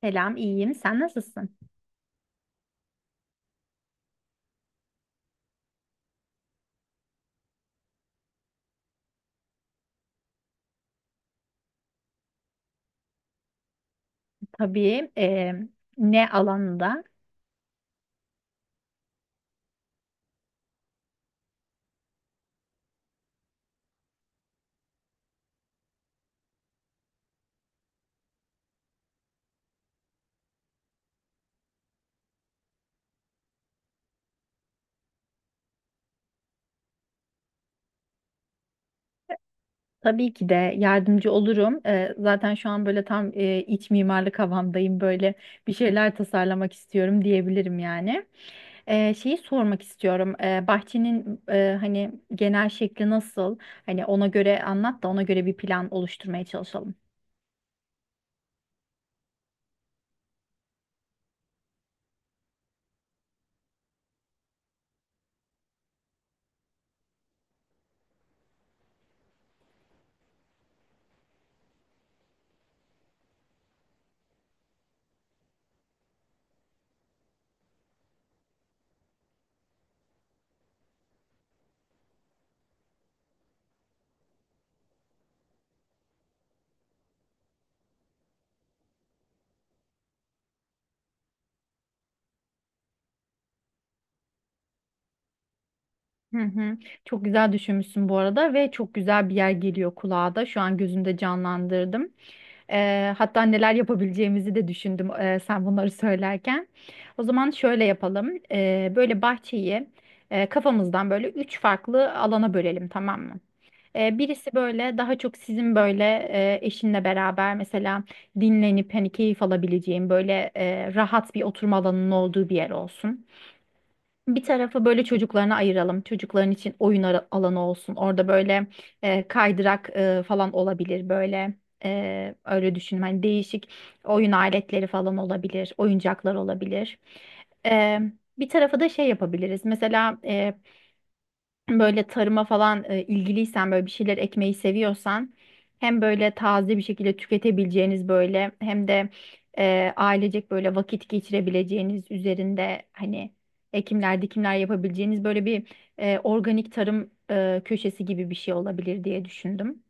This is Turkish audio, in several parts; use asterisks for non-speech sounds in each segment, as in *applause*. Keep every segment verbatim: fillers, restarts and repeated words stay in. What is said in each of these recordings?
Selam, iyiyim. Sen nasılsın? Tabii e, ne alanında? Tabii ki de yardımcı olurum. E, zaten şu an böyle tam e, iç mimarlık havamdayım. Böyle bir şeyler tasarlamak istiyorum diyebilirim yani. E, şeyi sormak istiyorum. E, bahçenin e, hani genel şekli nasıl? Hani ona göre anlat da ona göre bir plan oluşturmaya çalışalım. Hı hı. Çok güzel düşünmüşsün bu arada ve çok güzel bir yer geliyor kulağa da. Şu an gözümde canlandırdım. Eee, hatta neler yapabileceğimizi de düşündüm eee, sen bunları söylerken. O zaman şöyle yapalım. Eee, böyle bahçeyi eee, kafamızdan böyle üç farklı alana bölelim, tamam mı? Eee, birisi böyle daha çok sizin böyle eee, eşinle beraber mesela dinlenip hani keyif alabileceğin böyle eee, rahat bir oturma alanının olduğu bir yer olsun. Bir tarafı böyle çocuklarına ayıralım. Çocukların için oyun ara- alanı olsun. Orada böyle e, kaydırak e, falan olabilir böyle. E, öyle düşünün. Hani değişik oyun aletleri falan olabilir. Oyuncaklar olabilir. E, Bir tarafa da şey yapabiliriz. Mesela böyle tarıma falan e, ilgiliysen böyle bir şeyler ekmeyi seviyorsan hem böyle taze bir şekilde tüketebileceğiniz böyle hem de e, ailecek böyle vakit geçirebileceğiniz üzerinde hani ekimler dikimler yapabileceğiniz böyle bir e, organik tarım e, köşesi gibi bir şey olabilir diye düşündüm.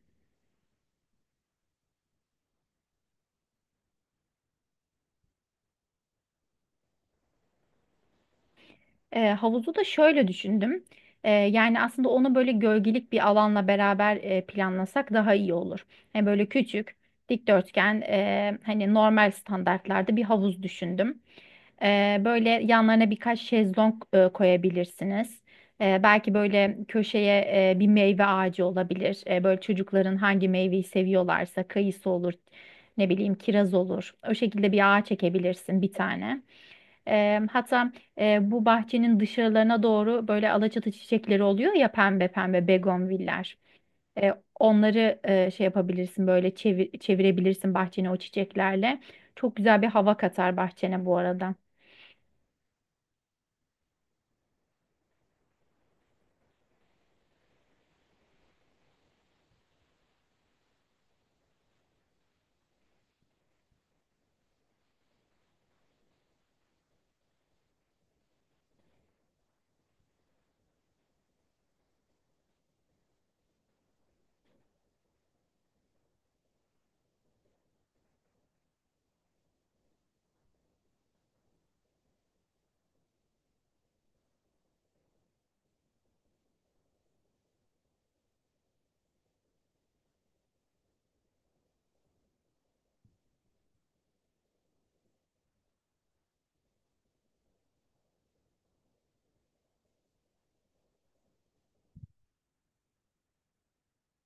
E, havuzu da şöyle düşündüm. E, yani aslında onu böyle gölgelik bir alanla beraber e, planlasak daha iyi olur. Yani böyle küçük, dikdörtgen, e, hani normal standartlarda bir havuz düşündüm. E, böyle yanlarına birkaç şezlong e, koyabilirsiniz. E, belki böyle köşeye e, bir meyve ağacı olabilir. E, böyle çocukların hangi meyveyi seviyorlarsa kayısı olur, ne bileyim kiraz olur. O şekilde bir ağaç çekebilirsin bir tane. E, hatta e, bu bahçenin dışarılarına doğru böyle alaçatı çiçekleri oluyor ya, pembe pembe begonviller. E, Onları e, şey yapabilirsin böyle çevir- çevirebilirsin bahçene o çiçeklerle. Çok güzel bir hava katar bahçene bu arada.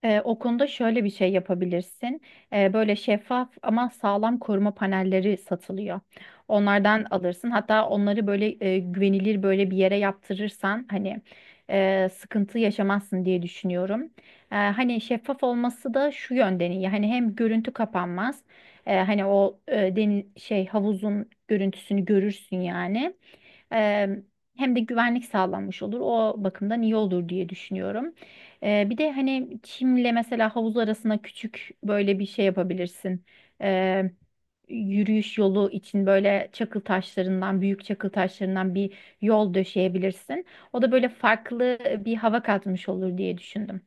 Ee, o konuda şöyle bir şey yapabilirsin. Ee, böyle şeffaf ama sağlam koruma panelleri satılıyor. Onlardan alırsın. Hatta onları böyle e, güvenilir böyle bir yere yaptırırsan hani e, sıkıntı yaşamazsın diye düşünüyorum. Ee, hani şeffaf olması da şu yönden iyi. Hani hem görüntü kapanmaz. E, hani o e, deniz şey havuzun görüntüsünü görürsün yani. Eee, Hem de güvenlik sağlanmış olur. O bakımdan iyi olur diye düşünüyorum. Eee, bir de hani çimle mesela havuz arasına küçük böyle bir şey yapabilirsin. Eee, Yürüyüş yolu için böyle çakıl taşlarından, büyük çakıl taşlarından bir yol döşeyebilirsin. O da böyle farklı bir hava katmış olur diye düşündüm.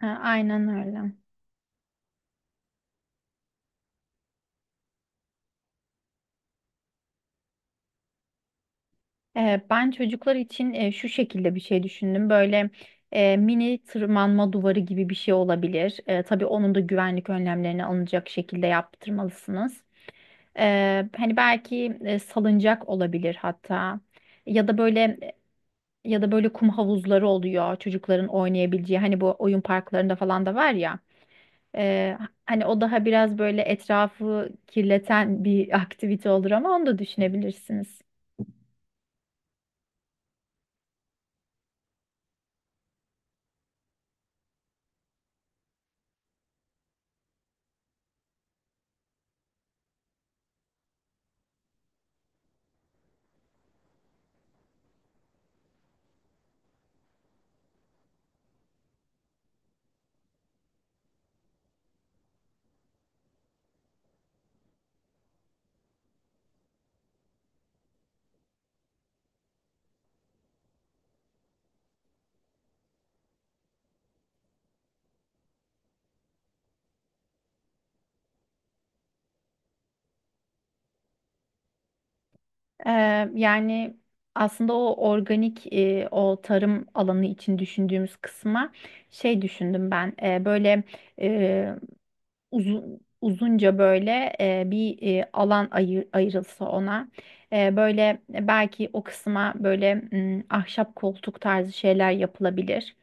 Ha, aynen öyle. Ee, Ben çocuklar için e, şu şekilde bir şey düşündüm. Böyle e, mini tırmanma duvarı gibi bir şey olabilir. E, tabii onun da güvenlik önlemlerini alınacak şekilde yaptırmalısınız. E, hani belki e, salıncak olabilir hatta. Ya da böyle Ya da böyle kum havuzları oluyor çocukların oynayabileceği. Hani bu oyun parklarında falan da var ya. E, Hani o daha biraz böyle etrafı kirleten bir *laughs* aktivite olur ama onu da düşünebilirsiniz. Eee, yani aslında o organik eee, o tarım alanı için düşündüğümüz kısma şey düşündüm ben, eee, böyle eee, uzun uzunca böyle eee, bir eee, alan ayır, ayrılsa ona. Eee, böyle belki o kısma böyle mm, ahşap koltuk tarzı şeyler yapılabilir.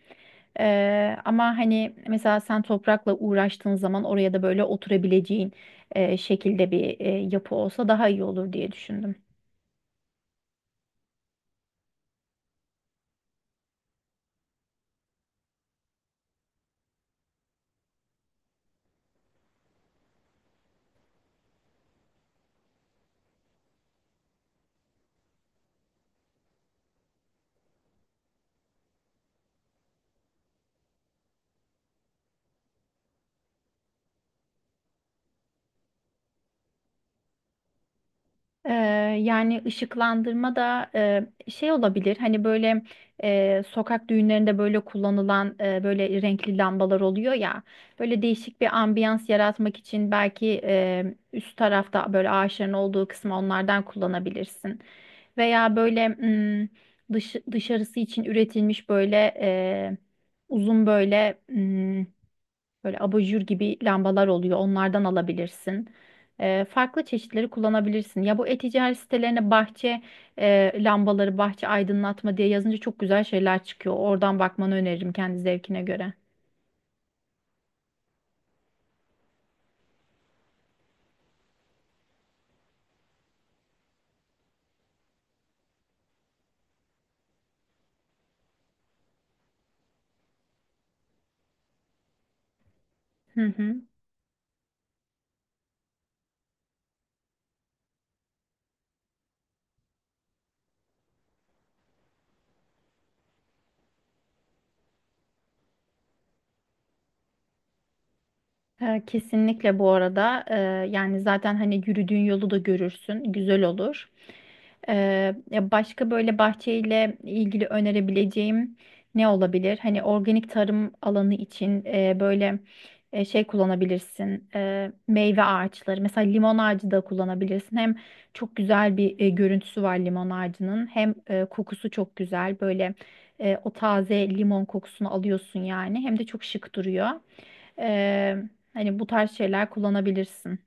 Eee, ama hani mesela sen toprakla uğraştığın zaman oraya da böyle oturabileceğin eee, şekilde bir eee, yapı olsa daha iyi olur diye düşündüm. Ee, Yani ışıklandırma da e, şey olabilir hani böyle e, sokak düğünlerinde böyle kullanılan e, böyle renkli lambalar oluyor ya, böyle değişik bir ambiyans yaratmak için belki e, üst tarafta böyle ağaçların olduğu kısmı onlardan kullanabilirsin veya böyle mm, dış, dışarısı için üretilmiş böyle e, uzun böyle böyle abajur gibi lambalar oluyor. Onlardan alabilirsin. Ee, farklı çeşitleri kullanabilirsin. Ya bu e-ticaret sitelerine bahçe e, lambaları, bahçe aydınlatma diye yazınca çok güzel şeyler çıkıyor. Oradan bakmanı öneririm kendi zevkine göre. Hı hı. E, Kesinlikle. Bu arada E, yani zaten hani yürüdüğün yolu da görürsün, güzel olur. E, Ya başka böyle bahçeyle ilgili önerebileceğim ne olabilir? Hani organik tarım alanı için e, böyle e, şey kullanabilirsin. E, meyve ağaçları mesela, limon ağacı da kullanabilirsin. Hem çok güzel bir e, görüntüsü var limon ağacının, hem e, kokusu çok güzel, böyle e, o taze limon kokusunu alıyorsun yani, hem de çok şık duruyor. Eee, Hani bu tarz şeyler kullanabilirsin.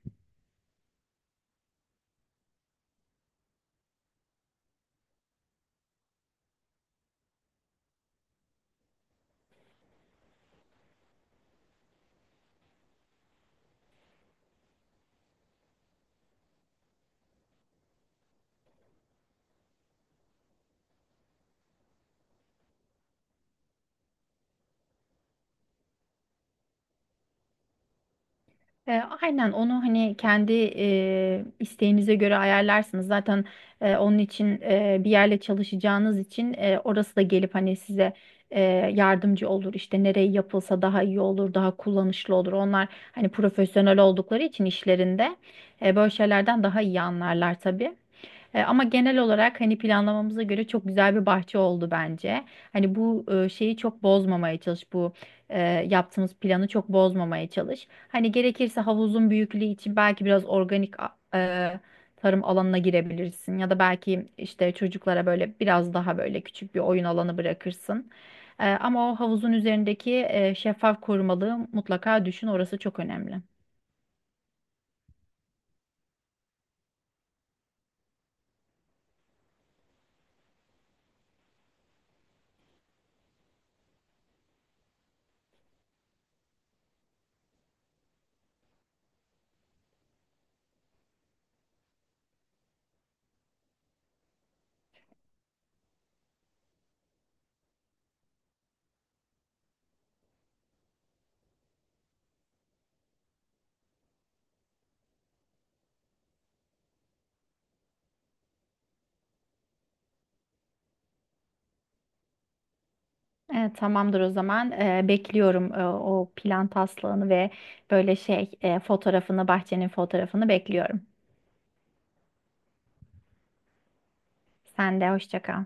E, aynen onu hani kendi e, isteğinize göre ayarlarsınız. Zaten e, onun için e, bir yerle çalışacağınız için e, orası da gelip hani size e, yardımcı olur. İşte nereye yapılsa daha iyi olur, daha kullanışlı olur. Onlar hani profesyonel oldukları için işlerinde e, böyle şeylerden daha iyi anlarlar tabii. E, ama genel olarak hani planlamamıza göre çok güzel bir bahçe oldu bence. Hani bu e, şeyi çok bozmamaya çalış, bu e, yaptığımız planı çok bozmamaya çalış. Hani gerekirse havuzun büyüklüğü için belki biraz organik a- e, tarım alanına girebilirsin ya da belki işte çocuklara böyle biraz daha böyle küçük bir oyun alanı bırakırsın. E, ama o havuzun üzerindeki e, şeffaf korumalığı mutlaka düşün, orası çok önemli. Evet, tamamdır o zaman. Ee, bekliyorum e, o plan taslağını ve böyle şey e, fotoğrafını, bahçenin fotoğrafını bekliyorum. Sen de hoşça kal.